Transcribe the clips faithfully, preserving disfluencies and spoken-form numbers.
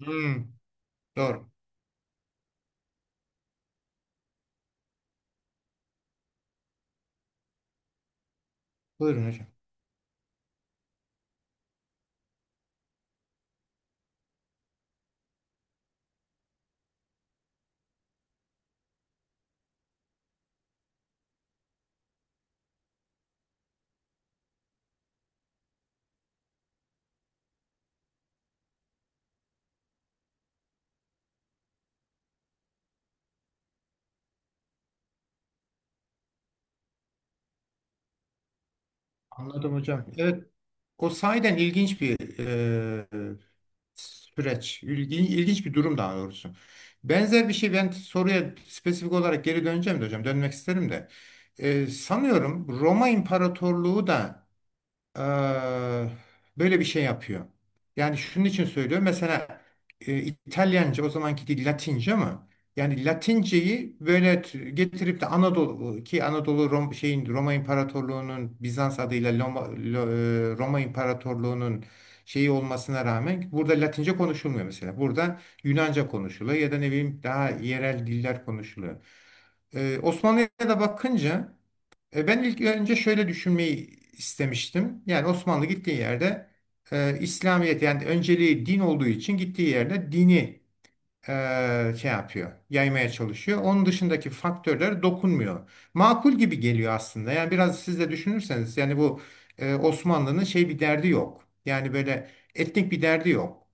Hmm, doğru. Buyurun hocam. Anladım hocam. Evet. O sahiden ilginç bir e, süreç. İlginç, ilginç bir durum daha doğrusu. Benzer bir şey ben soruya spesifik olarak geri döneceğim de hocam. Dönmek isterim de. E, sanıyorum Roma İmparatorluğu da eee, böyle bir şey yapıyor. Yani şunun için söylüyorum. Mesela e, İtalyanca o zamanki dil Latince, ama yani Latinceyi böyle t- getirip de Anadolu, ki Anadolu Rom, şeyin Roma İmparatorluğu'nun Bizans adıyla Loma- Lo- e, Roma İmparatorluğu'nun şeyi olmasına rağmen burada Latince konuşulmuyor mesela. Burada Yunanca konuşuluyor ya da ne bileyim daha yerel diller konuşuluyor. Ee, Osmanlı'ya da bakınca e, ben ilk önce şöyle düşünmeyi istemiştim. Yani Osmanlı gittiği yerde e, İslamiyet, yani önceliği din olduğu için gittiği yerde dini eee, şey yapıyor, yaymaya çalışıyor. Onun dışındaki faktörler dokunmuyor. Makul gibi geliyor aslında. Yani biraz siz de düşünürseniz yani bu eee, Osmanlı'nın şey bir derdi yok. Yani böyle etnik bir derdi yok.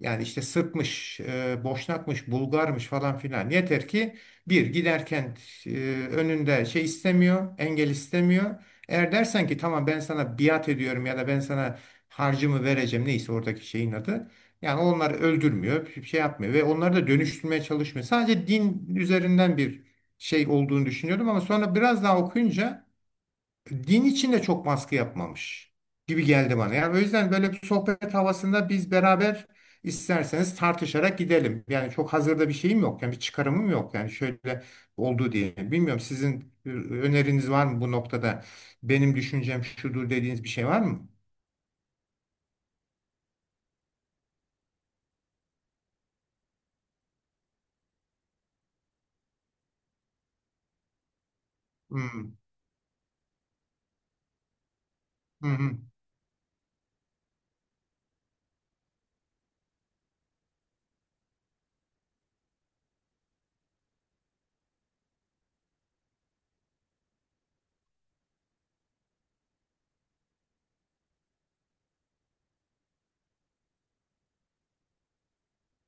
Yani işte Sırpmış, eee, Boşnakmış, Bulgarmış falan filan. Yeter ki bir giderken eee, önünde şey istemiyor, engel istemiyor. Eğer dersen ki tamam ben sana biat ediyorum ya da ben sana harcımı vereceğim, neyse oradaki şeyin adı. Yani onları öldürmüyor, bir şey yapmıyor ve onları da dönüştürmeye çalışmıyor. Sadece din üzerinden bir şey olduğunu düşünüyordum ama sonra biraz daha okuyunca din içinde çok baskı yapmamış gibi geldi bana. Yani o yüzden böyle bir sohbet havasında biz beraber isterseniz tartışarak gidelim. Yani çok hazırda bir şeyim yok. Yani bir çıkarımım yok. Yani şöyle oldu diye. Bilmiyorum, sizin e, öneriniz var mı bu noktada? Benim düşüncem şudur dediğiniz bir şey var mı? Hmm. Hı hı.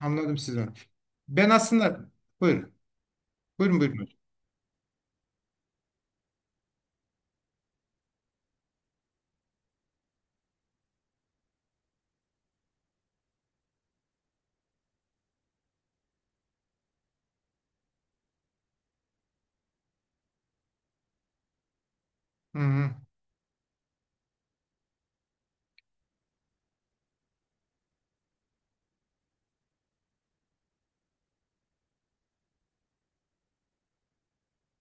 Anladım sizi. Ben aslında buyurun. Buyurun buyurun. Hocam. Hı hı.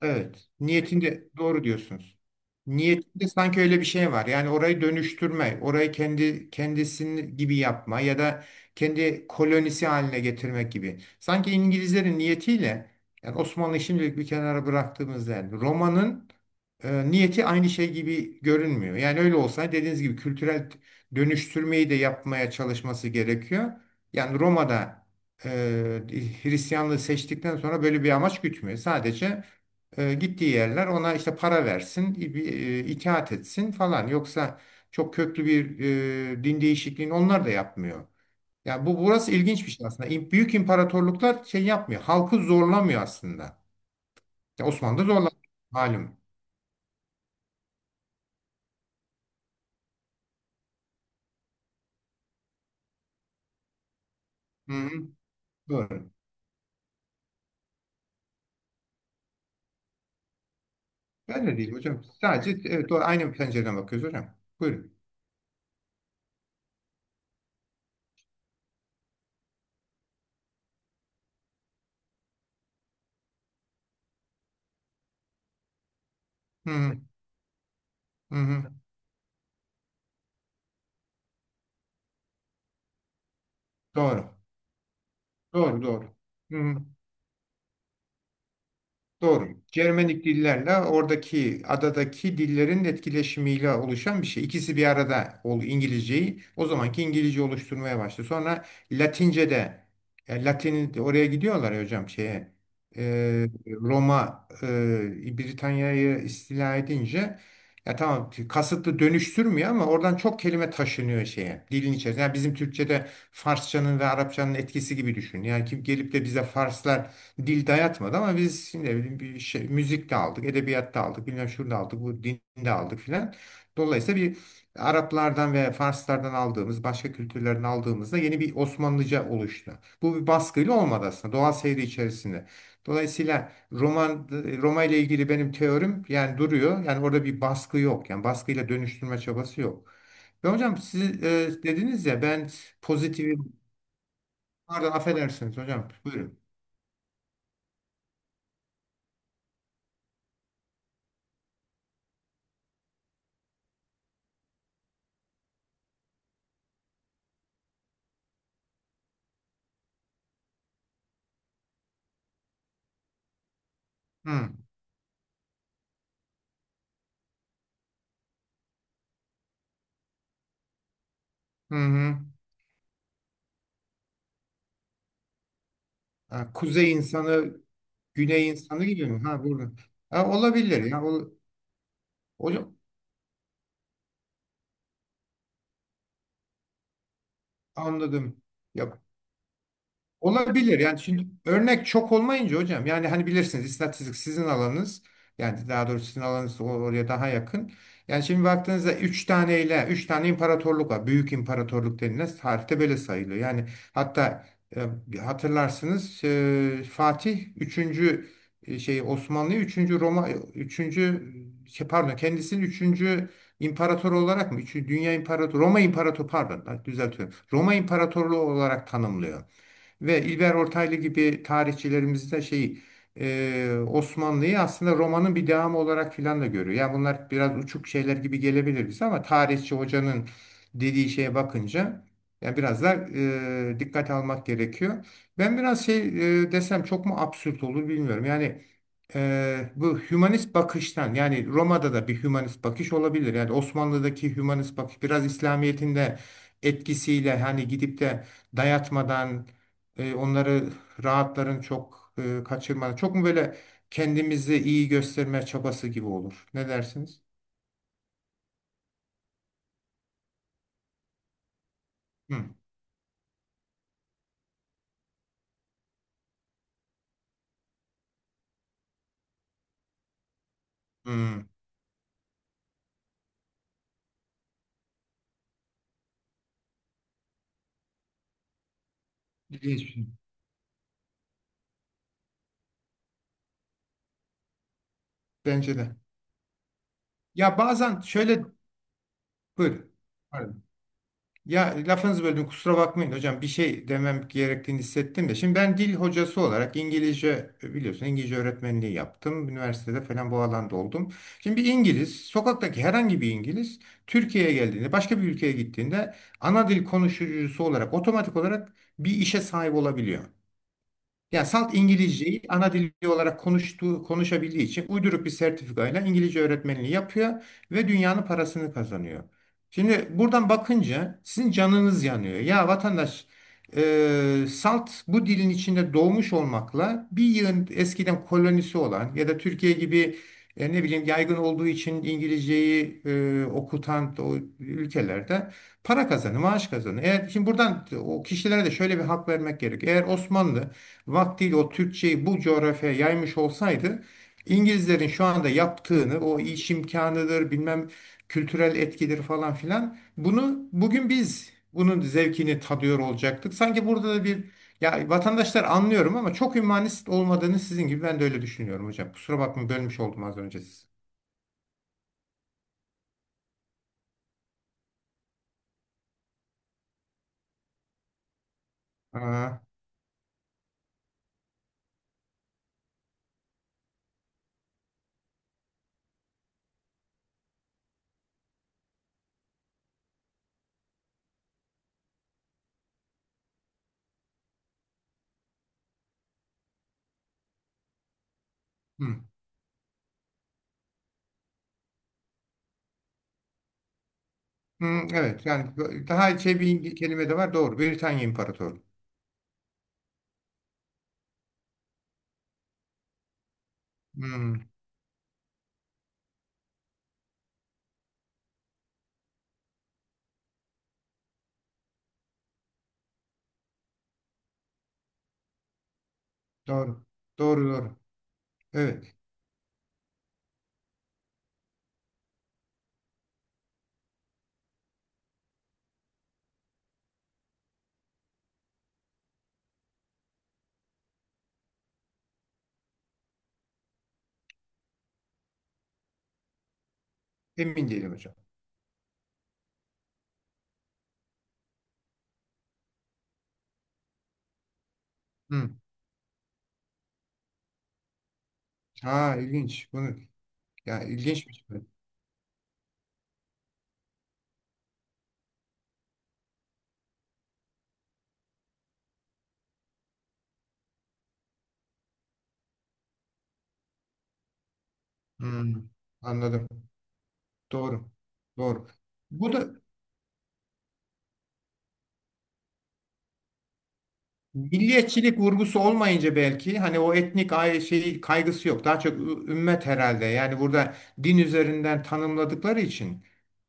Evet. Niyetinde doğru diyorsunuz. Niyetinde sanki öyle bir şey var. Yani orayı dönüştürme, orayı kendi kendisini gibi yapma ya da kendi kolonisi haline getirmek gibi. Sanki İngilizlerin niyetiyle, yani Osmanlı'yı şimdilik bir kenara bıraktığımızda, yani Roma'nın e, niyeti aynı şey gibi görünmüyor. Yani öyle olsa dediğiniz gibi kültürel dönüştürmeyi de yapmaya çalışması gerekiyor. Yani Roma'da e, Hristiyanlığı seçtikten sonra böyle bir amaç gütmüyor. Sadece e, gittiği yerler ona işte para versin, i- bir, e, itaat etsin falan. Yoksa çok köklü bir e, din değişikliğini onlar da yapmıyor. Yani bu burası ilginç bir şey aslında. İm- Büyük imparatorluklar şey yapmıyor. Halkı zorlamıyor aslında. Ya Osmanlı da zorlamıyor malum. Hı hı, doğru. Ben de değil hocam. Sadece evet, doğru. Aynı pencereden bakıyoruz hocam. Buyurun. Hı hı, hı hı. Doğru. Doğru doğru. Hı hı. Doğru. Cermenik dillerle oradaki adadaki dillerin etkileşimiyle oluşan bir şey. İkisi bir arada ol İngilizceyi o zamanki İngilizce oluşturmaya başladı. Sonra Latince de e, Latin oraya gidiyorlar ya hocam şeye, e, Roma e, Britanya'yı istila edince, ya tamam kasıtlı dönüştürmüyor ama oradan çok kelime taşınıyor şeye, dilin içerisine. Yani bizim Türkçe'de Farsçanın ve Arapçanın etkisi gibi düşün. Yani kim gelip de bize Farslar dil dayatmadı, ama biz şimdi ne bileyim bir şey müzikte aldık, edebiyatta aldık, bilmem şurada aldık, bu dinde aldık filan. Dolayısıyla bir Araplardan ve Farslardan aldığımız, başka kültürlerden aldığımızda yeni bir Osmanlıca oluştu. Bu bir baskıyla olmadı aslında, doğal seyri içerisinde. Dolayısıyla roman Roma ile ilgili benim teorim yani duruyor. Yani orada bir baskı yok. Yani baskıyla dönüştürme çabası yok. Ve hocam siz e, dediniz ya, ben pozitif pardon affedersiniz hocam. Buyurun. Hı hı. Hı. Ha, kuzey insanı, güney insanı gibi mi? Ha burada. Ha, olabilir ya. Ol- o- anladım. Ya olabilir. Yani şimdi örnek çok olmayınca hocam, yani hani bilirsiniz istatistik sizin alanınız, yani daha doğrusu sizin alanınız o- oraya daha yakın. Yani şimdi baktığınızda üç tane ile üç tane imparatorluk var. Büyük imparatorluk denilen tarihte böyle sayılıyor. Yani hatta e, hatırlarsınız e, Fatih üçüncü şey Osmanlı üçüncü Roma e, üçüncü şey, pardon, kendisini üçüncü imparator olarak mı? Üçüncü dünya imparatoru Roma imparatoru, pardon düzeltiyorum, Roma imparatorluğu olarak tanımlıyor. Ve İlber Ortaylı gibi tarihçilerimiz de şey e, Osmanlı'yı aslında romanın bir devamı olarak filan da görüyor. Yani bunlar biraz uçuk şeyler gibi gelebilir bize ama tarihçi hocanın dediği şeye bakınca yani biraz da e, dikkat almak gerekiyor. Ben biraz şey e, desem çok mu absürt olur bilmiyorum. Yani e, bu hümanist bakıştan, yani Roma'da da bir hümanist bakış olabilir. Yani Osmanlı'daki hümanist bakış biraz İslamiyet'in de etkisiyle hani gidip de dayatmadan e, onları rahatların çok e, kaçırmadan. Çok mu böyle kendimizi iyi gösterme çabası gibi olur? Ne dersiniz? Hı. Hı. İlginç bir şey. Bence de. Ya bazen şöyle buyurun. Ya lafınızı böldüm, kusura bakmayın hocam, bir şey demem gerektiğini hissettim de. Şimdi ben dil hocası olarak İngilizce biliyorsun, İngilizce öğretmenliği yaptım. Üniversitede falan bu alanda oldum. Şimdi bir İngiliz, sokaktaki herhangi bir İngiliz Türkiye'ye geldiğinde, başka bir ülkeye gittiğinde ana dil konuşucusu olarak otomatik olarak bir işe sahip olabiliyor. Yani salt İngilizceyi ana dili olarak konuştuğu, konuşabildiği için uyduruk bir sertifikayla İngilizce öğretmenliği yapıyor ve dünyanın parasını kazanıyor. Şimdi buradan bakınca sizin canınız yanıyor. Ya vatandaş e, salt bu dilin içinde doğmuş olmakla bir yığın, eskiden kolonisi olan ya da Türkiye gibi e, ne bileyim yaygın olduğu için İngilizceyi e, okutan o ülkelerde para kazanı, maaş kazanı. Eğer, şimdi buradan o kişilere de şöyle bir hak vermek gerek. Eğer Osmanlı vaktiyle o Türkçeyi bu coğrafyaya yaymış olsaydı, İngilizlerin şu anda yaptığını, o iş imkanıdır bilmem kültürel etkidir falan filan, bunu bugün biz bunun zevkini tadıyor olacaktık. Sanki burada da bir, ya vatandaşlar, anlıyorum ama çok hümanist olmadığını sizin gibi ben de öyle düşünüyorum hocam. Kusura bakmayın, bölmüş oldum az önce sizi. Aa, hı. Hı, evet yani daha şey bir kelime de var doğru. Britanya İmparatoru. Hı, doğru. Doğru doğru. Evet. Emin değilim hocam. Hı. Ha ilginç. Bunu ya ilginçmiş bu. Hmm, anladım. Doğru. Doğru. Bu da milliyetçilik vurgusu olmayınca belki hani o etnik ay şeyi kaygısı yok. Daha çok ü- ümmet herhalde. Yani burada din üzerinden tanımladıkları için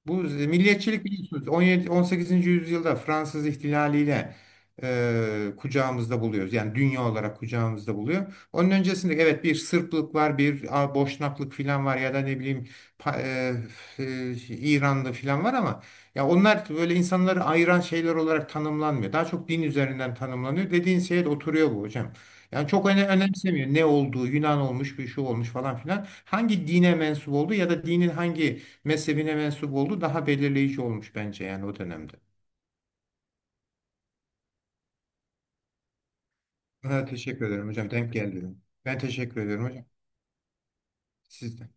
bu z- milliyetçilik, biliyorsunuz, on yedi on sekizinci yüzyılda Fransız ihtilaliyle e, kucağımızda buluyoruz. Yani dünya olarak kucağımızda buluyor. Onun öncesinde evet bir Sırplık var, bir a, Boşnaklık filan var ya da ne bileyim pa- e, f- e, İranlı filan var ama ya onlar böyle insanları ayıran şeyler olarak tanımlanmıyor. Daha çok din üzerinden tanımlanıyor. Dediğin şeye de oturuyor bu hocam. Yani çok öne önemsemiyor ne olduğu, Yunan olmuş, bir şu olmuş falan filan. Hangi dine mensup olduğu ya da dinin hangi mezhebine mensup olduğu daha belirleyici olmuş bence yani o dönemde. Ha, teşekkür ederim hocam. Denk geldi. Ben teşekkür ederim hocam. Siz de.